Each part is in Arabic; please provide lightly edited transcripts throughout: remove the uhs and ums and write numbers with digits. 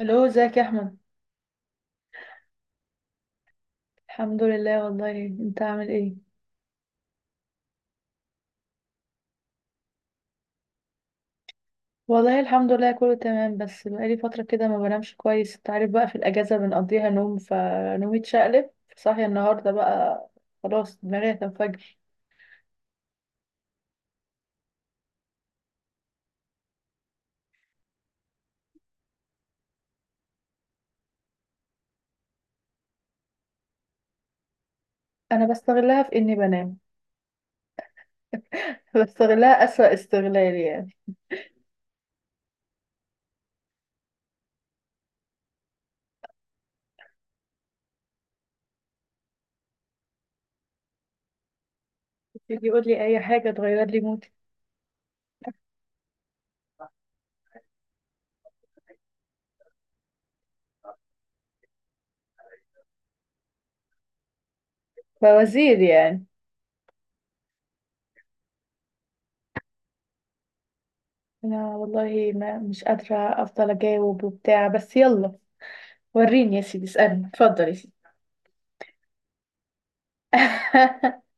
الو ازيك يا احمد. الحمد لله، والله انت عامل ايه؟ والله الحمد لله كله تمام، بس بقالي فتره كده ما بنامش كويس، انت عارف بقى في الاجازه بنقضيها نوم فنومي اتشقلب. صاحيه النهارده بقى. خلاص دماغي هتنفجر. انا بستغلها في اني بنام. بستغلها اسوأ استغلال يعني. تيجي يقول لي اي حاجه تغير لي مودي. فوزير يعني؟ انا والله ما مش قادره. افضل اجاوب وبتاع بس يلا. وريني يا سيدي اسالني، اتفضل يا سيدي.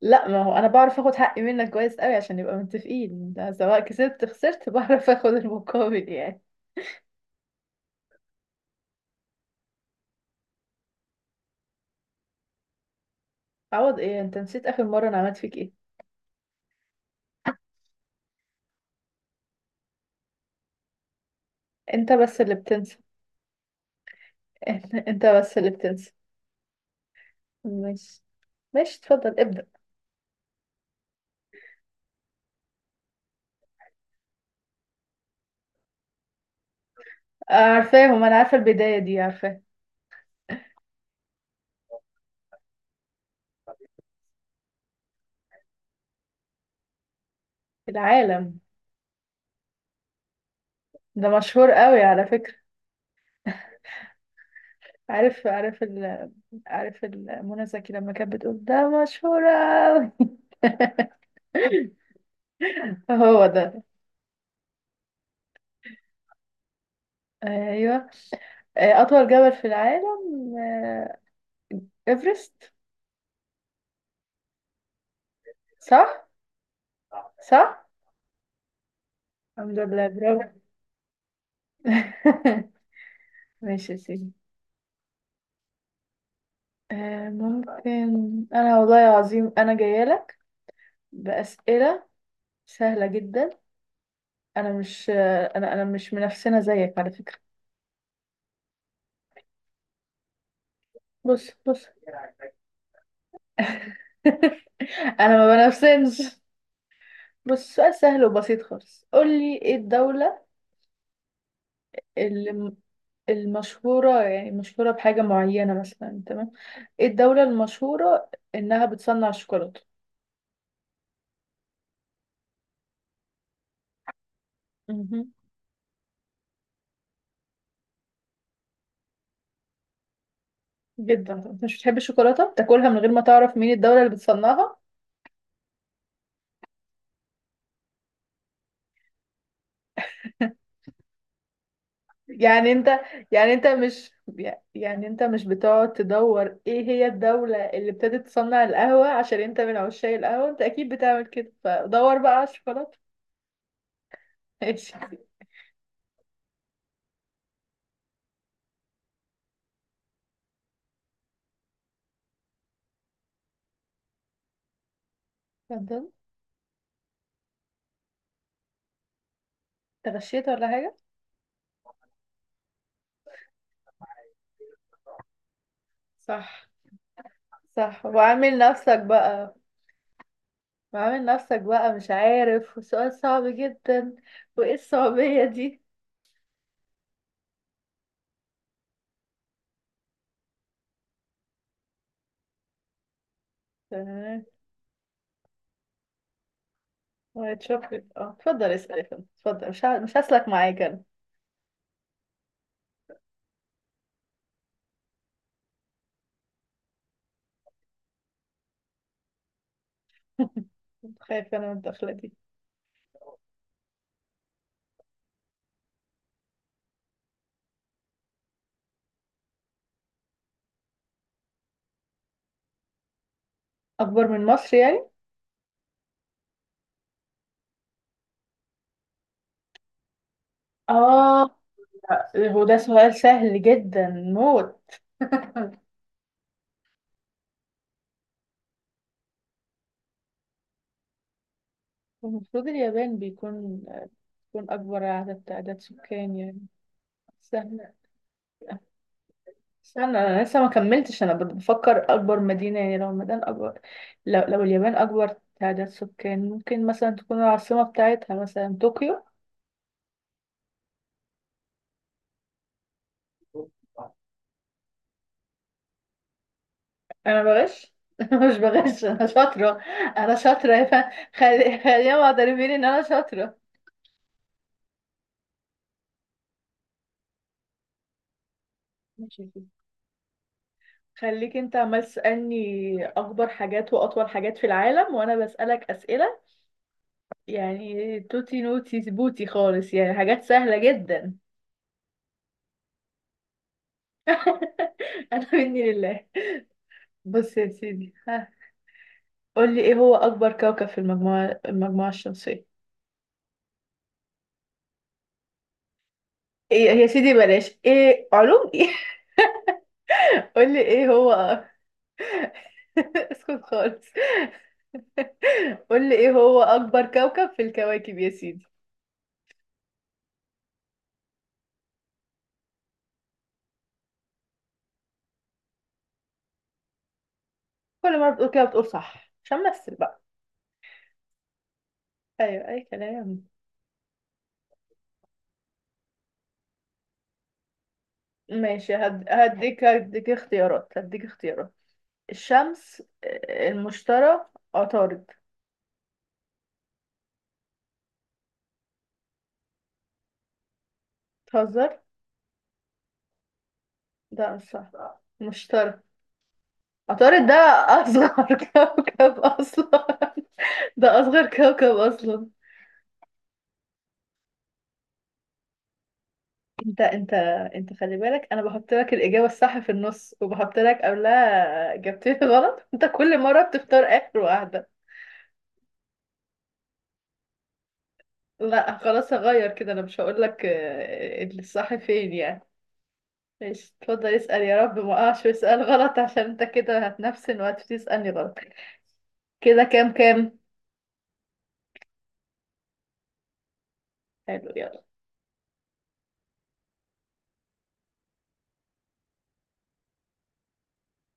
لا ما هو انا بعرف اخد حقي منك كويس قوي عشان نبقى متفقين، ده سواء كسبت خسرت بعرف اخد المقابل يعني. عوض ايه؟ انت نسيت اخر مرة انا عملت فيك ايه؟ انت بس اللي بتنسى. انت بس اللي بتنسى. مش ماشي اتفضل ابدأ. عارفاهم، انا عارفة البداية دي عارفاه. العالم؟ ده مشهور قوي على فكرة. عارف عارف ال، عارف منى زكي لما كانت بتقول ده مشهور قوي. هو ده. ايوه. آه، أطول جبل في العالم. آه، إيفرست. صح. صح الحمد لله، برافو. ماشي يا سيدي. آه، ممكن. أنا والله العظيم أنا جاية لك بأسئلة سهلة جدا. أنا مش أنا مش منافسنا زيك على فكرة. بص بص. أنا ما بنافسنش. بص، سؤال سهل وبسيط خالص، قولي إيه الدولة الم- المشهورة، يعني مشهورة بحاجة معينة مثلا، تمام؟ ايه الدولة المشهورة انها بتصنع الشوكولاتة؟ مهم. جدا، انت مش بتحب الشوكولاتة؟ بتاكلها من غير ما تعرف مين الدولة اللي بتصنعها؟ يعني انت يعني انت مش يعني انت مش بتقعد تدور ايه هي الدولة اللي ابتدت تصنع القهوة عشان انت من عشاق القهوة؟ انت اكيد بتعمل كده، فدور بقى على الشوكولاتة. ماشي. اتفضل. انت غشيت ولا حاجة؟ صح. صح وعامل نفسك بقى، وعامل نفسك بقى مش عارف وسؤال صعب جدا. وايه الصعوبية دي؟ تمام. وايت شوكليت اه، اتفضل اسأل يا فندم، اتفضل، مش ه... مش هسلك معاك انا. خايفة انا من الدخلة دي. اكبر من مصر يعني؟ اه. لا، هو ده سؤال سهل جدا موت. المفروض اليابان بيكون اكبر عدد تعداد سكان يعني. سهل، بس انا لسه ما كملتش، انا بفكر اكبر مدينه يعني لو المدينه اكبر. لو اليابان اكبر تعداد سكان ممكن مثلا تكون العاصمه بتاعتها مثلا طوكيو. انا بغش؟ مش بغش انا شاطره. انا شاطره يا فا، خلي خليهم معترفين ان انا شاطره. ماشي يا سيدي. خليك انت عمال تسالني اكبر حاجات واطول حاجات في العالم، وانا بسالك اسئله يعني توتي نوتي سبوتي خالص، يعني حاجات سهله جدا. انا مني لله. بص يا سيدي ها، قول لي ايه هو اكبر كوكب في المجموعه الشمسيه؟ ايه يا سيدي بلاش ايه علوم ايه؟ قول لي ايه هو. اسكت خالص. قول لي ايه هو اكبر كوكب في الكواكب يا سيدي. كل مره بتقول كده بتقول صح عشان امثل بقى. ايوه اي كلام. ماشي، هد... هديك اختيارات، هديك اختيارات. الشمس، آه، المشتري، عطارد. تهزر؟ ده مش صح. المشتري؟ عطارد ده اصغر كوكب اصلا، ده اصغر كوكب اصلا. انت انت انت خلي بالك انا بحط لك الاجابه الصح في النص، وبحط لك قبلها اجابتين غلط، انت كل مره بتختار اخر واحده. لا خلاص هغير كده، انا مش هقول لك آه، الصح فين يعني. ماشي اتفضل اسال، يا رب ما اقعش في سؤال غلط عشان انت كده هتنفسن وهتسالني غلط. كده كام كام؟ حلو يلا.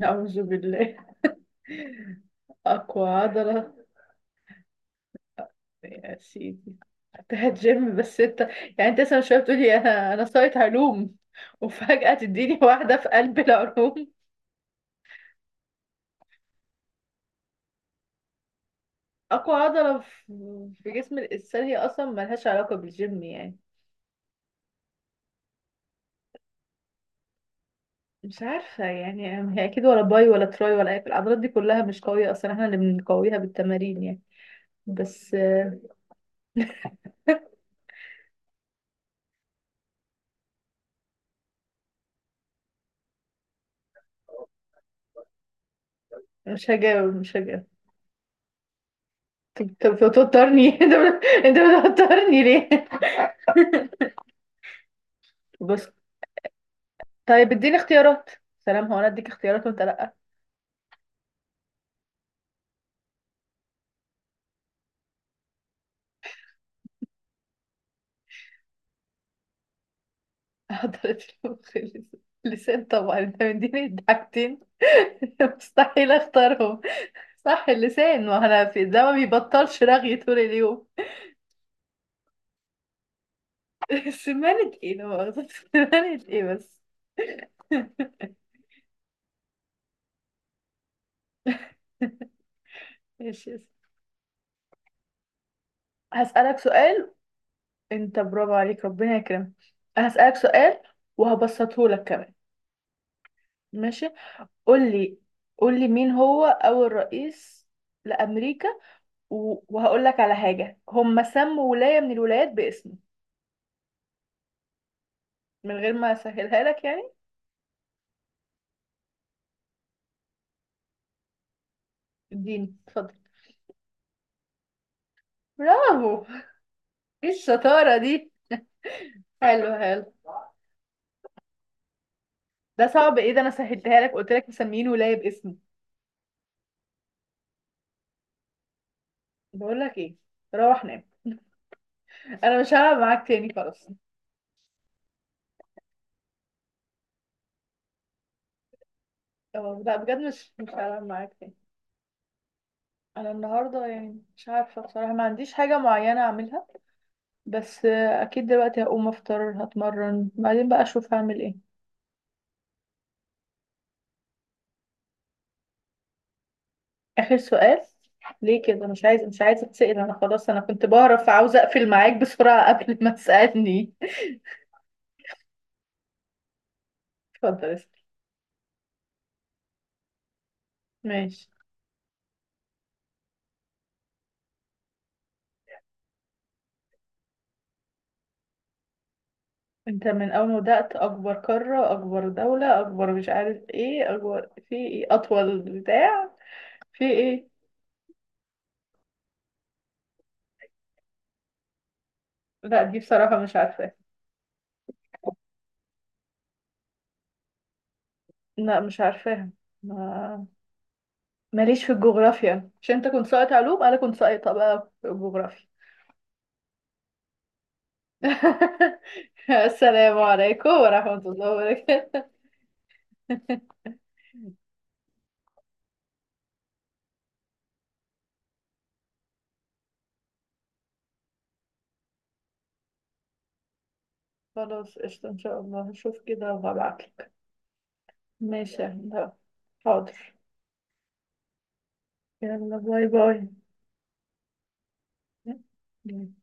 نعوذ بالله. اقوى عضله؟ يا سيدي بتاعت جيم بس انت يعني انت لسه من شويه بتقولي انا سايت علوم، وفجاه تديني واحده في قلب العلوم. اقوى عضله في في جسم الانسان هي اصلا ملهاش علاقه بالجيم يعني. مش عارفه يعني. هي اكيد ولا باي ولا تراي ولا اي العضلات دي كلها مش قويه اصلا، احنا اللي بنقويها بالتمارين يعني. بس آه، مش هجاوب مش هجاوب. طب طب بتوترني انت انت بتوترني ليه بس؟ طيب اديني اختيارات. سلام، هو انا اديك اختيارات وانت لا؟ حضرت المخ، اللسان طبعا، انت مديني الضحكتين مستحيل اختارهم. صح اللسان، وانا في ده ما بيبطلش رغي طول اليوم. سمانة ايه لا مؤاخذة، سمانة ايه بس؟ ماشي. هسألك سؤال. انت برافو عليك، ربنا يكرمك. هسألك سؤال، وهبسطه لك كمان. ماشي، قول لي، قول لي مين هو أول رئيس لأمريكا، و... وهقول لك على حاجة هم سموا ولاية من الولايات باسمه، من غير ما اسهلها لك يعني. اديني اتفضل. برافو. ايه الشطارة دي؟ حلو حلو. ده صعب ايه؟ ده انا سهلتها لك، قلت لك مسميين ولاية باسمي. بقول لك ايه، روح نام. انا مش هلعب معاك تاني خلاص. اه، لا بجد مش هلعب معاك تاني. انا النهارده يعني مش عارفه بصراحه، ما عنديش حاجه معينه اعملها، بس آه، اكيد دلوقتي هقوم افطر هتمرن، بعدين بقى اشوف هعمل ايه. آخر سؤال؟ ليه كده مش عايز مش عايزة تسأل؟ أنا خلاص أنا كنت بعرف عاوزة أقفل معاك بسرعة قبل ما تسألني. اتفضل اسأل. ماشي. أنت من أول ما بدأت أكبر قارة أكبر دولة أكبر مش عارف إيه أكبر في إيه أطول بتاع في إيه؟ لا دي بصراحة مش عارفاها. لا مش عارفاها. ما ماليش في الجغرافيا، مش أنت كنت ساقط علوم؟ أنا كنت ساقطة بقى في الجغرافيا. السلام عليكم ورحمة الله وبركاته. خلاص قشطة إن شاء الله هشوف كده وهبعتلك. ماشي يا هند. حاضر. يلا باي باي.